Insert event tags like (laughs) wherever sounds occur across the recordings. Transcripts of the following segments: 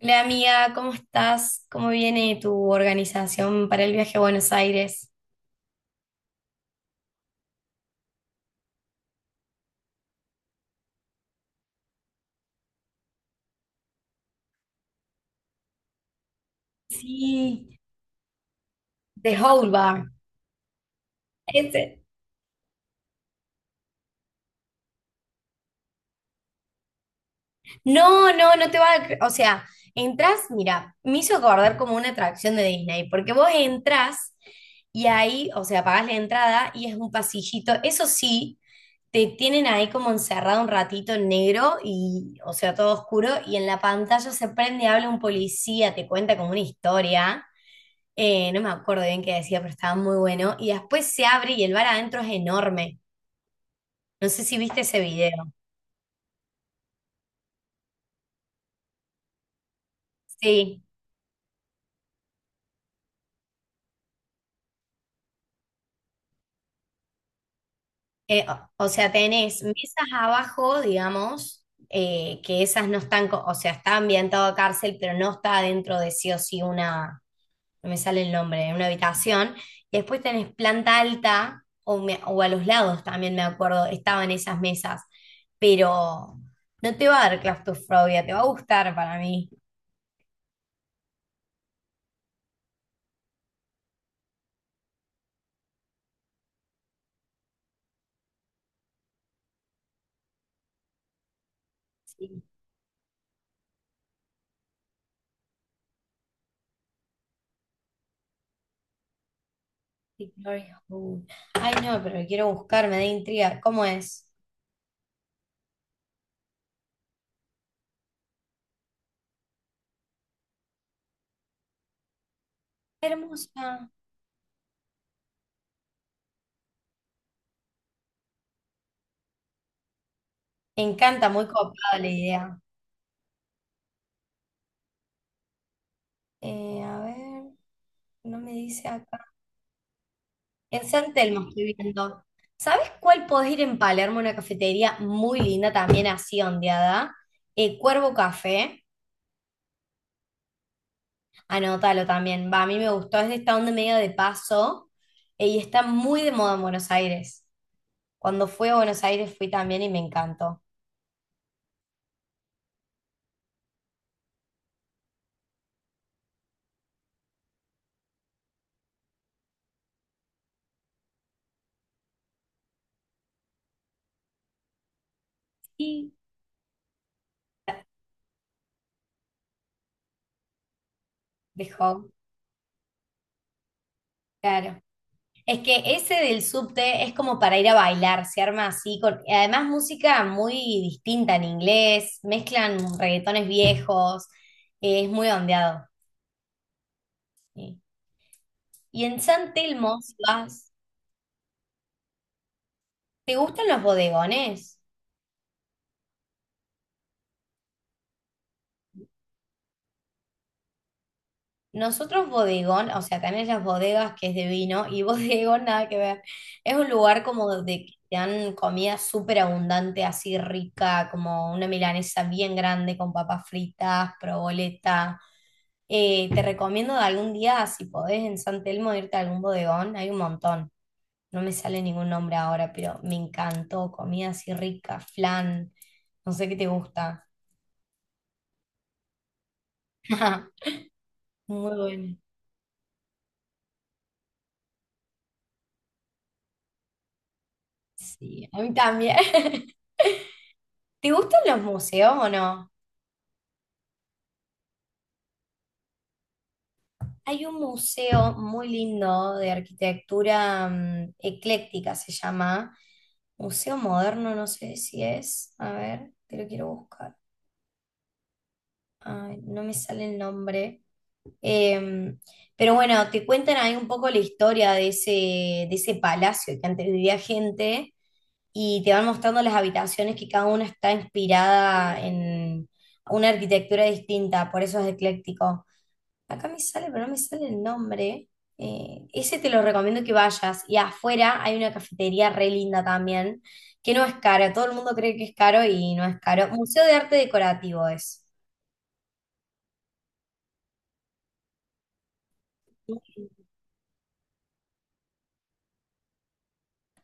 Hola amiga, ¿cómo estás? ¿Cómo viene tu organización para el viaje a Buenos Aires? Sí, The Whole Bar. Ese. No, no, no te va a... O sea, entras, mira, me hizo acordar como una atracción de Disney, porque vos entras y ahí, o sea, pagás la entrada y es un pasillito. Eso sí, te tienen ahí como encerrado un ratito en negro y, o sea, todo oscuro, y en la pantalla se prende, habla un policía, te cuenta como una historia. No me acuerdo bien qué decía, pero estaba muy bueno. Y después se abre y el bar adentro es enorme. No sé si viste ese video. Sí. O sea, tenés mesas abajo, digamos, que esas no están, o sea, está ambientado a cárcel, pero no está adentro de sí o sí una, no me sale el nombre, una habitación. Y después tenés planta alta, o, o a los lados también me acuerdo, estaban esas mesas. Pero no te va a dar claustrofobia, te va a gustar para mí. The Glory Hole. Ay, no, pero lo quiero buscar, me da intriga. ¿Cómo es? Hermosa. Me encanta, muy copada la idea. A ver, no me dice acá. En San Telmo estoy viendo. ¿Sabes cuál podés ir en Palermo? Una cafetería muy linda, también así ondeada. Cuervo Café. Anótalo también. Va, a mí me gustó. Es de esta onda medio de paso, y está muy de moda en Buenos Aires. Cuando fui a Buenos Aires fui también y me encantó. Sí. Dejó, claro. Es que ese del subte es como para ir a bailar, se arma así, con, además música muy distinta en inglés, mezclan reggaetones viejos, es muy ondeado, sí. Y en San Telmo, si vas, ¿te gustan los bodegones? Nosotros bodegón, o sea, también las bodegas que es de vino y (laughs) bodegón nada que ver. Es un lugar como de que te dan comida súper abundante, así rica, como una milanesa bien grande con papas fritas, proboleta. Te recomiendo de algún día, si podés, en San Telmo irte a algún bodegón, hay un montón. No me sale ningún nombre ahora, pero me encantó. Comida así rica, flan, no sé qué te gusta. (laughs) Muy bueno. Sí, a mí también. (laughs) ¿Te gustan los museos o no? Hay un museo muy lindo de arquitectura ecléctica, se llama. Museo Moderno, no sé si es. A ver, te lo quiero buscar. Ay, no me sale el nombre. Eh, pero bueno, te cuentan ahí un poco la historia de ese palacio que antes vivía gente y te van mostrando las habitaciones que cada una está inspirada en una arquitectura distinta, por eso es ecléctico. Acá me sale, pero no me sale el nombre. Ese te lo recomiendo que vayas. Y afuera hay una cafetería re linda también, que no es cara. Todo el mundo cree que es caro y no es caro. Museo de Arte Decorativo es.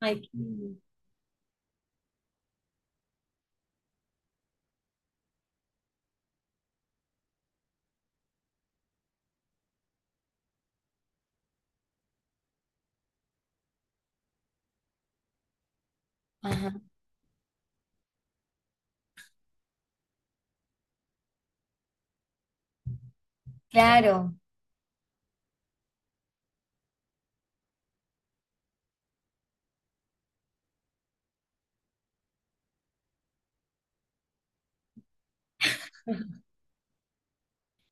Ay, qué lindo. Ajá, claro.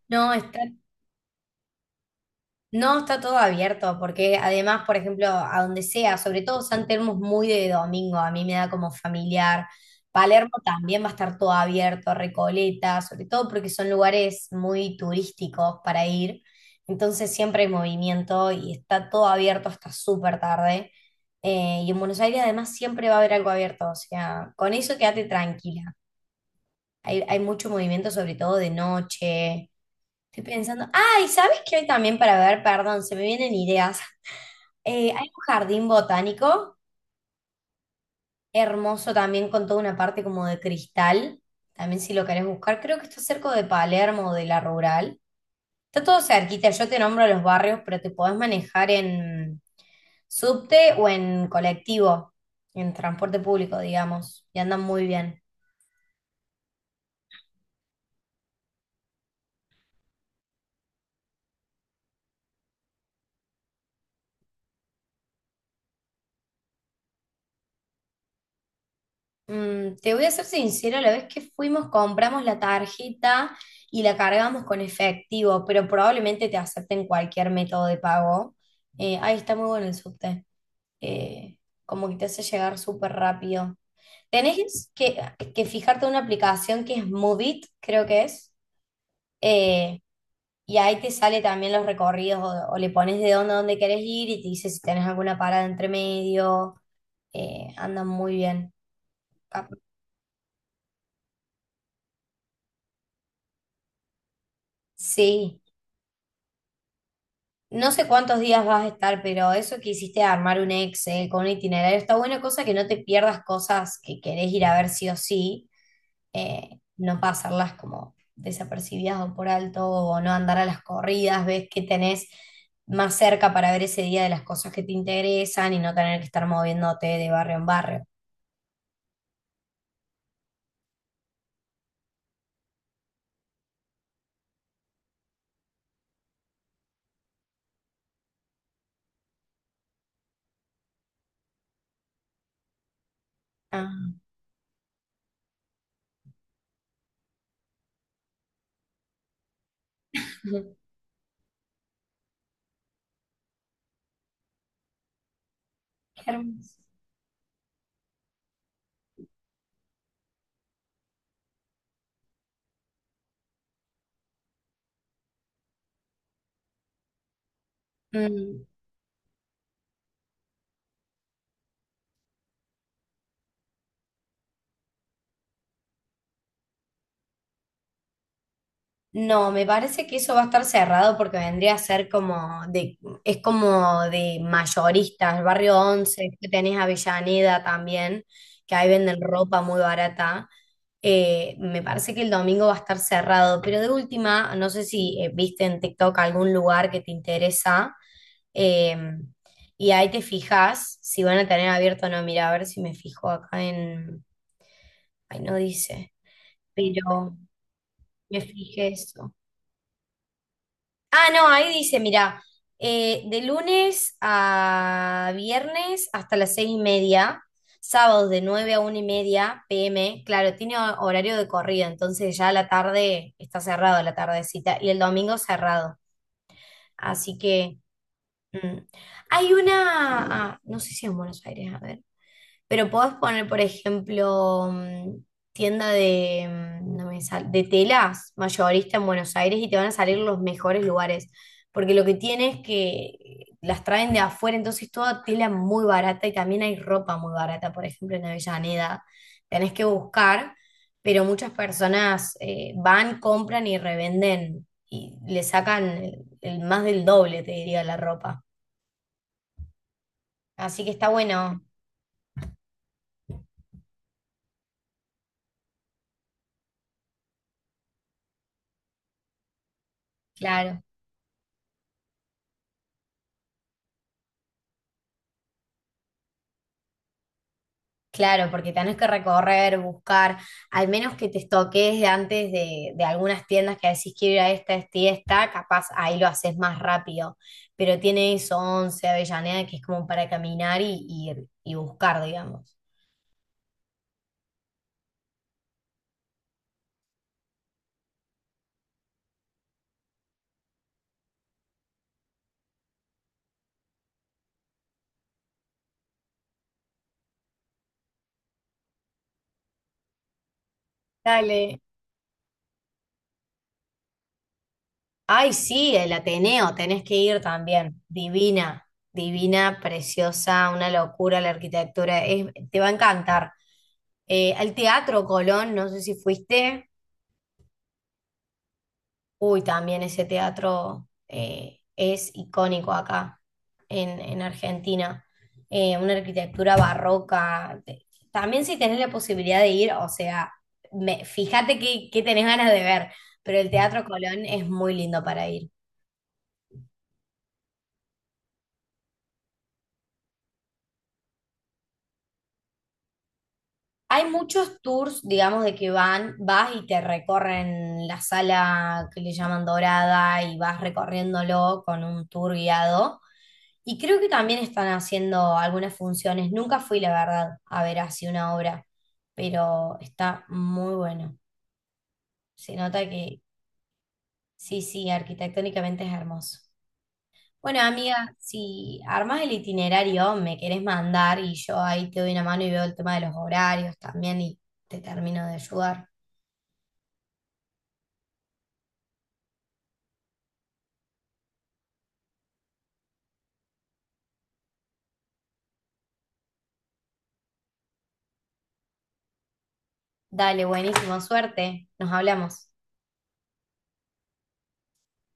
No, está No, está todo abierto, porque además, por ejemplo, a donde sea, sobre todo San Telmo es muy de domingo, a mí me da como familiar. Palermo también va a estar todo abierto, Recoleta, sobre todo porque son lugares muy turísticos para ir. Entonces siempre hay movimiento y está todo abierto hasta súper tarde. Y en Buenos Aires además siempre va a haber algo abierto, o sea, con eso quédate tranquila. Hay mucho movimiento, sobre todo de noche. Estoy pensando, ay, ¿sabes qué hoy también para ver? Perdón, se me vienen ideas. (laughs) Hay un jardín botánico hermoso también con toda una parte como de cristal. También si lo querés buscar, creo que está cerca de Palermo o de La Rural. Está todo cerquita, yo te nombro los barrios, pero te podés manejar en subte o en colectivo, en transporte público, digamos, y andan muy bien. Mm, te voy a ser sincera, la vez que fuimos compramos la tarjeta y la cargamos con efectivo, pero probablemente te acepten cualquier método de pago. Ahí está muy bueno el subte. Eh, Como que te hace llegar súper rápido. Tenés que fijarte en una aplicación que es Moovit, creo que es. Eh, y ahí te sale también los recorridos o le pones de dónde a dónde querés ir y te dice si tenés alguna parada entre medio. Andan muy bien. Sí, no sé cuántos días vas a estar, pero eso que hiciste de armar un Excel con un itinerario está buena cosa que no te pierdas cosas que querés ir a ver sí o sí, no pasarlas como desapercibidas o por alto o no andar a las corridas, ves que tenés más cerca para ver ese día de las cosas que te interesan y no tener que estar moviéndote de barrio en barrio. Ah, (laughs) qué hermoso. Mm. No, me parece que eso va a estar cerrado porque vendría a ser como de, es como de mayoristas, barrio Once, que tenés Avellaneda también, que ahí venden ropa muy barata. Me parece que el domingo va a estar cerrado, pero de última, no sé si viste en TikTok algún lugar que te interesa, eh, y ahí te fijas si van a tener abierto o no. Mira, a ver si me fijo acá en... Ay, no dice, pero me fijé eso. Ah, no, ahí dice, mira, de lunes a viernes hasta las seis y media, sábados de 9 a una y media p m, claro, tiene horario de corrido, entonces ya la tarde está cerrado, la tardecita, y el domingo cerrado. Así que mm. Hay una, ah, no sé si en Buenos Aires, a ver. Pero podés poner, por ejemplo, mm, tienda de, mm, no me sal- de telas mayorista en Buenos Aires y te van a salir los mejores lugares. Porque lo que tiene es que las traen de afuera, entonces toda tela muy barata y también hay ropa muy barata. Por ejemplo, en Avellaneda tenés que buscar, pero muchas personas van, compran y revenden y le sacan el más del doble, te diría, la ropa. Así que está bueno, claro. Claro, porque tenés que recorrer, buscar, al menos que te estoques de antes de algunas tiendas que decís quiero ir a esta, esta y esta, capaz ahí lo haces más rápido. Pero tiene eso, 11 Avellaneda, que es como para caminar y buscar, digamos. Dale. Ay, sí, el Ateneo, tenés que ir también. Divina, divina, preciosa, una locura la arquitectura, te va a encantar. Al Teatro Colón, no sé si fuiste. Uy, también ese teatro es icónico acá en Argentina. Una arquitectura barroca. También si tenés la posibilidad de ir, o sea, fíjate qué tenés ganas de ver, pero el Teatro Colón es muy lindo para ir. Hay muchos tours, digamos, de que van, vas y te recorren la sala que le llaman dorada y vas recorriéndolo con un tour guiado. Y creo que también están haciendo algunas funciones. Nunca fui, la verdad, a ver así una obra, pero está muy bueno. Se nota que sí, sí, arquitectónicamente es hermoso. Bueno, amiga, si armas el itinerario, me querés mandar y yo ahí te doy una mano y veo el tema de los horarios también y te termino de ayudar. Dale, buenísimo, suerte. Nos hablamos.